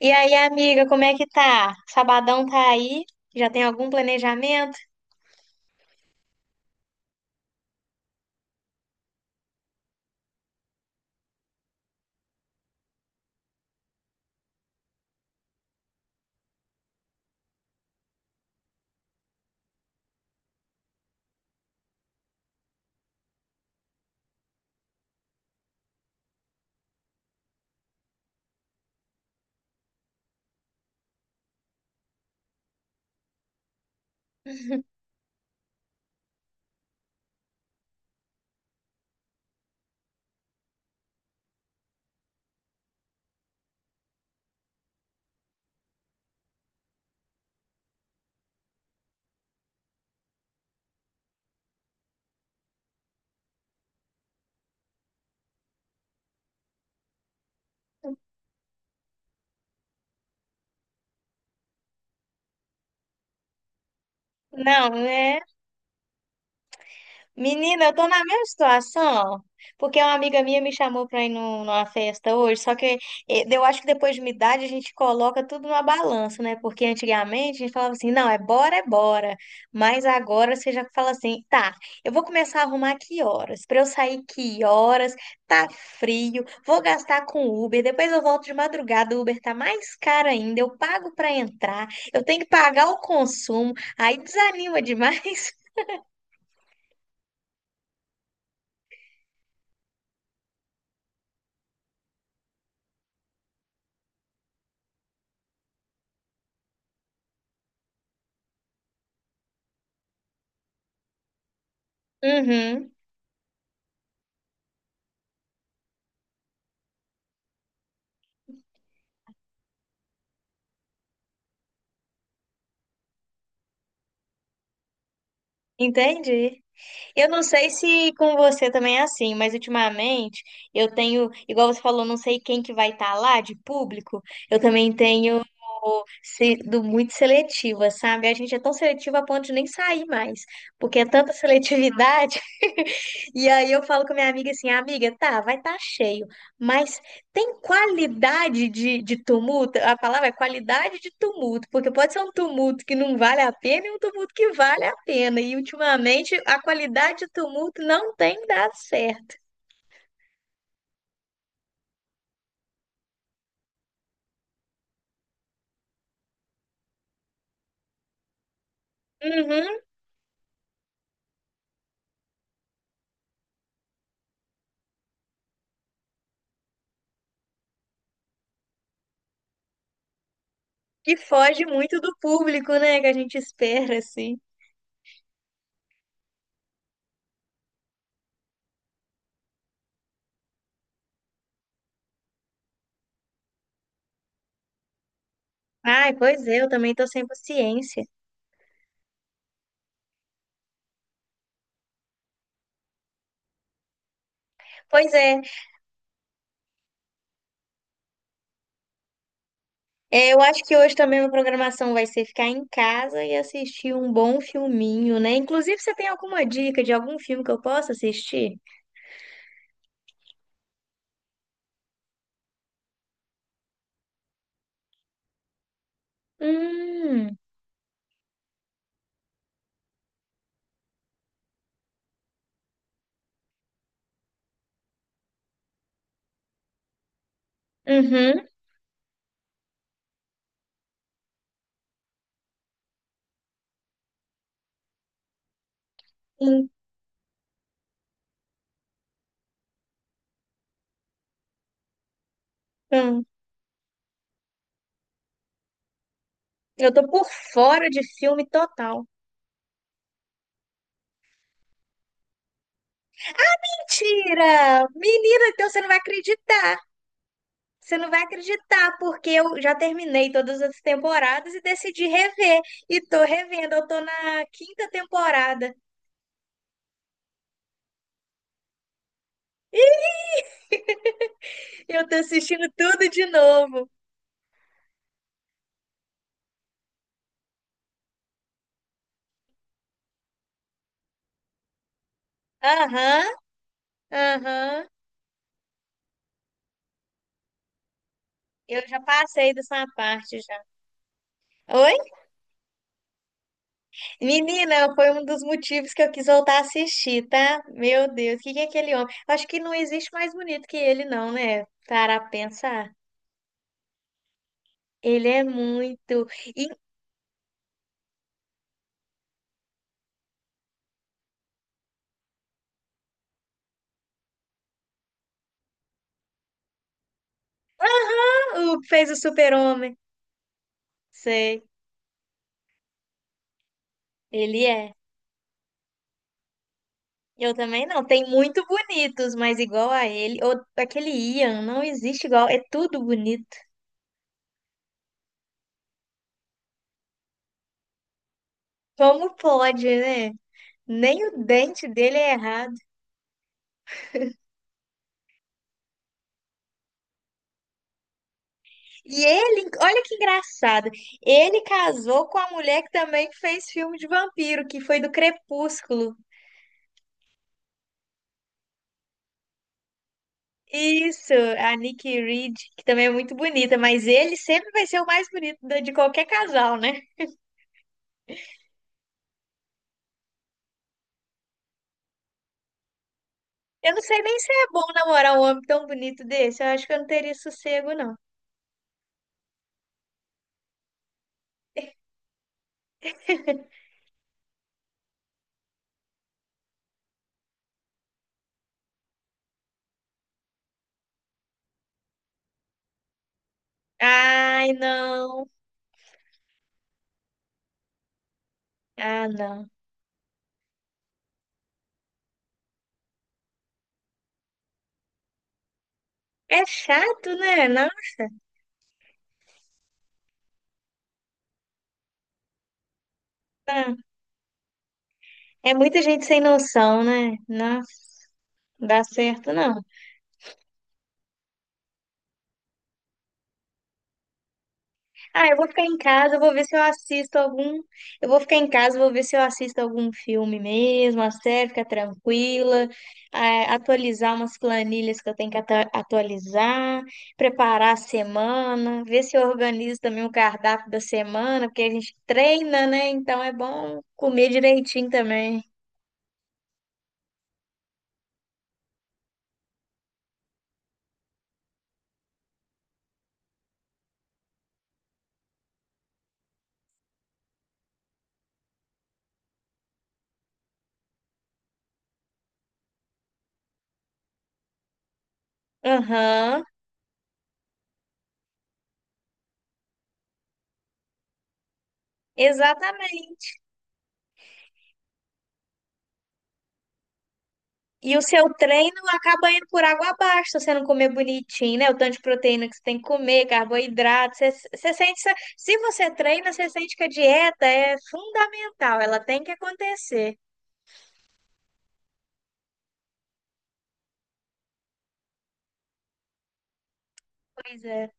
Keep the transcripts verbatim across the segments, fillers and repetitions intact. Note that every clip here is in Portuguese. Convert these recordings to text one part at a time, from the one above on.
E aí, amiga, como é que tá? Sabadão tá aí? Já tem algum planejamento? Não, né? Menina, eu tô na mesma situação, porque uma amiga minha me chamou pra ir num- numa festa hoje, só que eh, eu acho que depois de uma idade a gente coloca tudo numa balança, né? Porque antigamente a gente falava assim, não, é bora, é bora. Mas agora você já fala assim, tá, eu vou começar a arrumar que horas? Pra eu sair que horas? Tá frio, vou gastar com Uber, depois eu volto de madrugada, o Uber tá mais caro ainda, eu pago pra entrar, eu tenho que pagar o consumo, aí desanima demais. Uhum. Entendi. Eu não sei se com você também é assim, mas ultimamente eu tenho, igual você falou, não sei quem que vai estar lá de público. Eu também tenho sendo muito seletiva, sabe? A gente é tão seletiva a ponto de nem sair mais, porque é tanta seletividade. E aí eu falo com a minha amiga assim, amiga, tá, vai estar cheio, mas tem qualidade de, de tumulto? A palavra é qualidade de tumulto, porque pode ser um tumulto que não vale a pena e um tumulto que vale a pena. E ultimamente a qualidade de tumulto não tem dado certo. Uhum, que foge muito do público, né, que a gente espera, assim. Ai, pois é, eu também tô sem paciência. Pois é. É, eu acho que hoje também a programação vai ser ficar em casa e assistir um bom filminho, né? Inclusive, você tem alguma dica de algum filme que eu possa assistir? Hum, uhum, então, eu tô por fora de filme total. Mentira! Menina, então você não vai acreditar. Você não vai acreditar, porque eu já terminei todas as temporadas e decidi rever. E tô revendo, eu tô na quinta temporada. Eu tô assistindo tudo de novo. Aham. Aham, eu já passei dessa parte já. Oi? Menina, foi um dos motivos que eu quis voltar a assistir, tá? Meu Deus, o que que é aquele homem? Acho que não existe mais bonito que ele, não, né? Para pensar. Ele é muito. E o que fez o super-homem? Sei, ele é. Eu também não. Tem muito bonitos, mas igual a ele. Ou aquele Ian, não existe igual. É tudo bonito. Como pode, né? Nem o dente dele é errado. E ele, olha que engraçado, ele casou com a mulher que também fez filme de vampiro, que foi do Crepúsculo. Isso, a Nikki Reed, que também é muito bonita, mas ele sempre vai ser o mais bonito da- de qualquer casal, né? Eu não sei nem se é bom namorar um homem tão bonito desse, eu acho que eu não teria sossego, não. Ai, não. Ah, não. É chato, né? Não, não. É muita gente sem noção, né? Não, dá certo, não. Ah, eu vou ficar em casa, eu vou ver se eu assisto algum. Eu vou ficar em casa, vou ver se eu assisto algum filme mesmo, a série, ficar tranquila, eh, atualizar umas planilhas que eu tenho que ata- atualizar, preparar a semana, ver se eu organizo também o cardápio da semana, porque a gente treina, né? Então é bom comer direitinho também. Aham, exatamente. E o seu treino acaba indo por água abaixo, se você não comer bonitinho, né? O tanto de proteína que você tem que comer, carboidrato. Você, você sente, essa- se você treina, você sente que a dieta é fundamental, ela tem que acontecer. Pois é.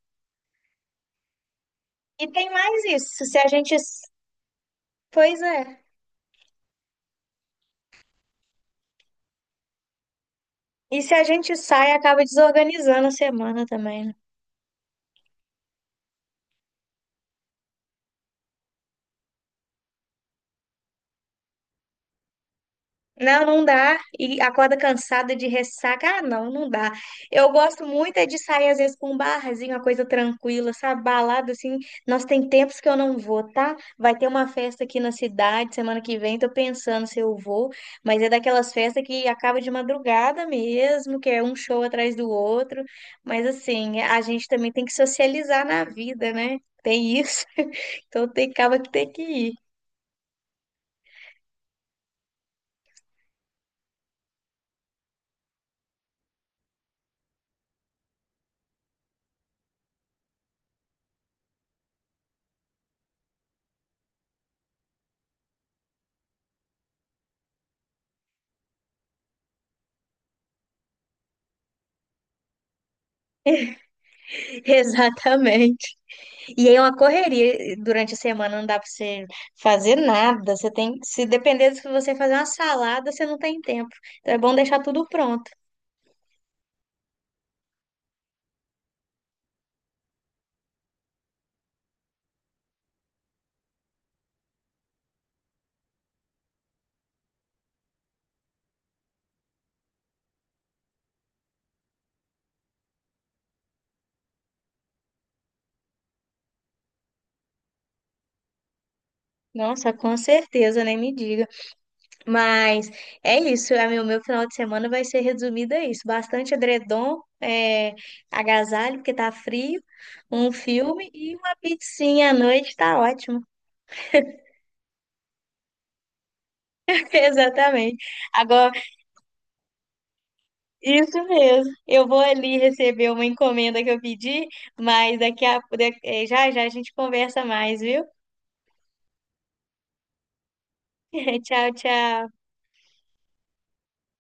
E tem mais isso, se a gente. Pois é. E se a gente sai, acaba desorganizando a semana também, né? Não, não dá. E acorda cansada de ressaca. Ah, não, não dá. Eu gosto muito é de sair, às vezes, com um barzinho, uma coisa tranquila, sabe? Balada, assim. Nós tem tempos que eu não vou, tá? Vai ter uma festa aqui na cidade semana que vem, tô pensando se eu vou, mas é daquelas festas que acaba de madrugada mesmo, que é um show atrás do outro. Mas, assim, a gente também tem que socializar na vida, né? Tem isso. Então, tem, acaba que tem que ir. Exatamente. E aí é uma correria. Durante a semana não dá pra você fazer nada. Você tem, se depender do que você fazer uma salada, você não tem tempo. Então é bom deixar tudo pronto. Nossa, com certeza, nem me diga. Mas é isso. É, meu, meu final de semana vai ser resumido a isso. Bastante edredom, é, agasalho, porque tá frio, um filme e uma pizzinha à noite, tá ótimo. Exatamente. Agora isso mesmo. Eu vou ali receber uma encomenda que eu pedi, mas daqui a, da- eh, já já a gente conversa mais, viu? Tchau, tchau.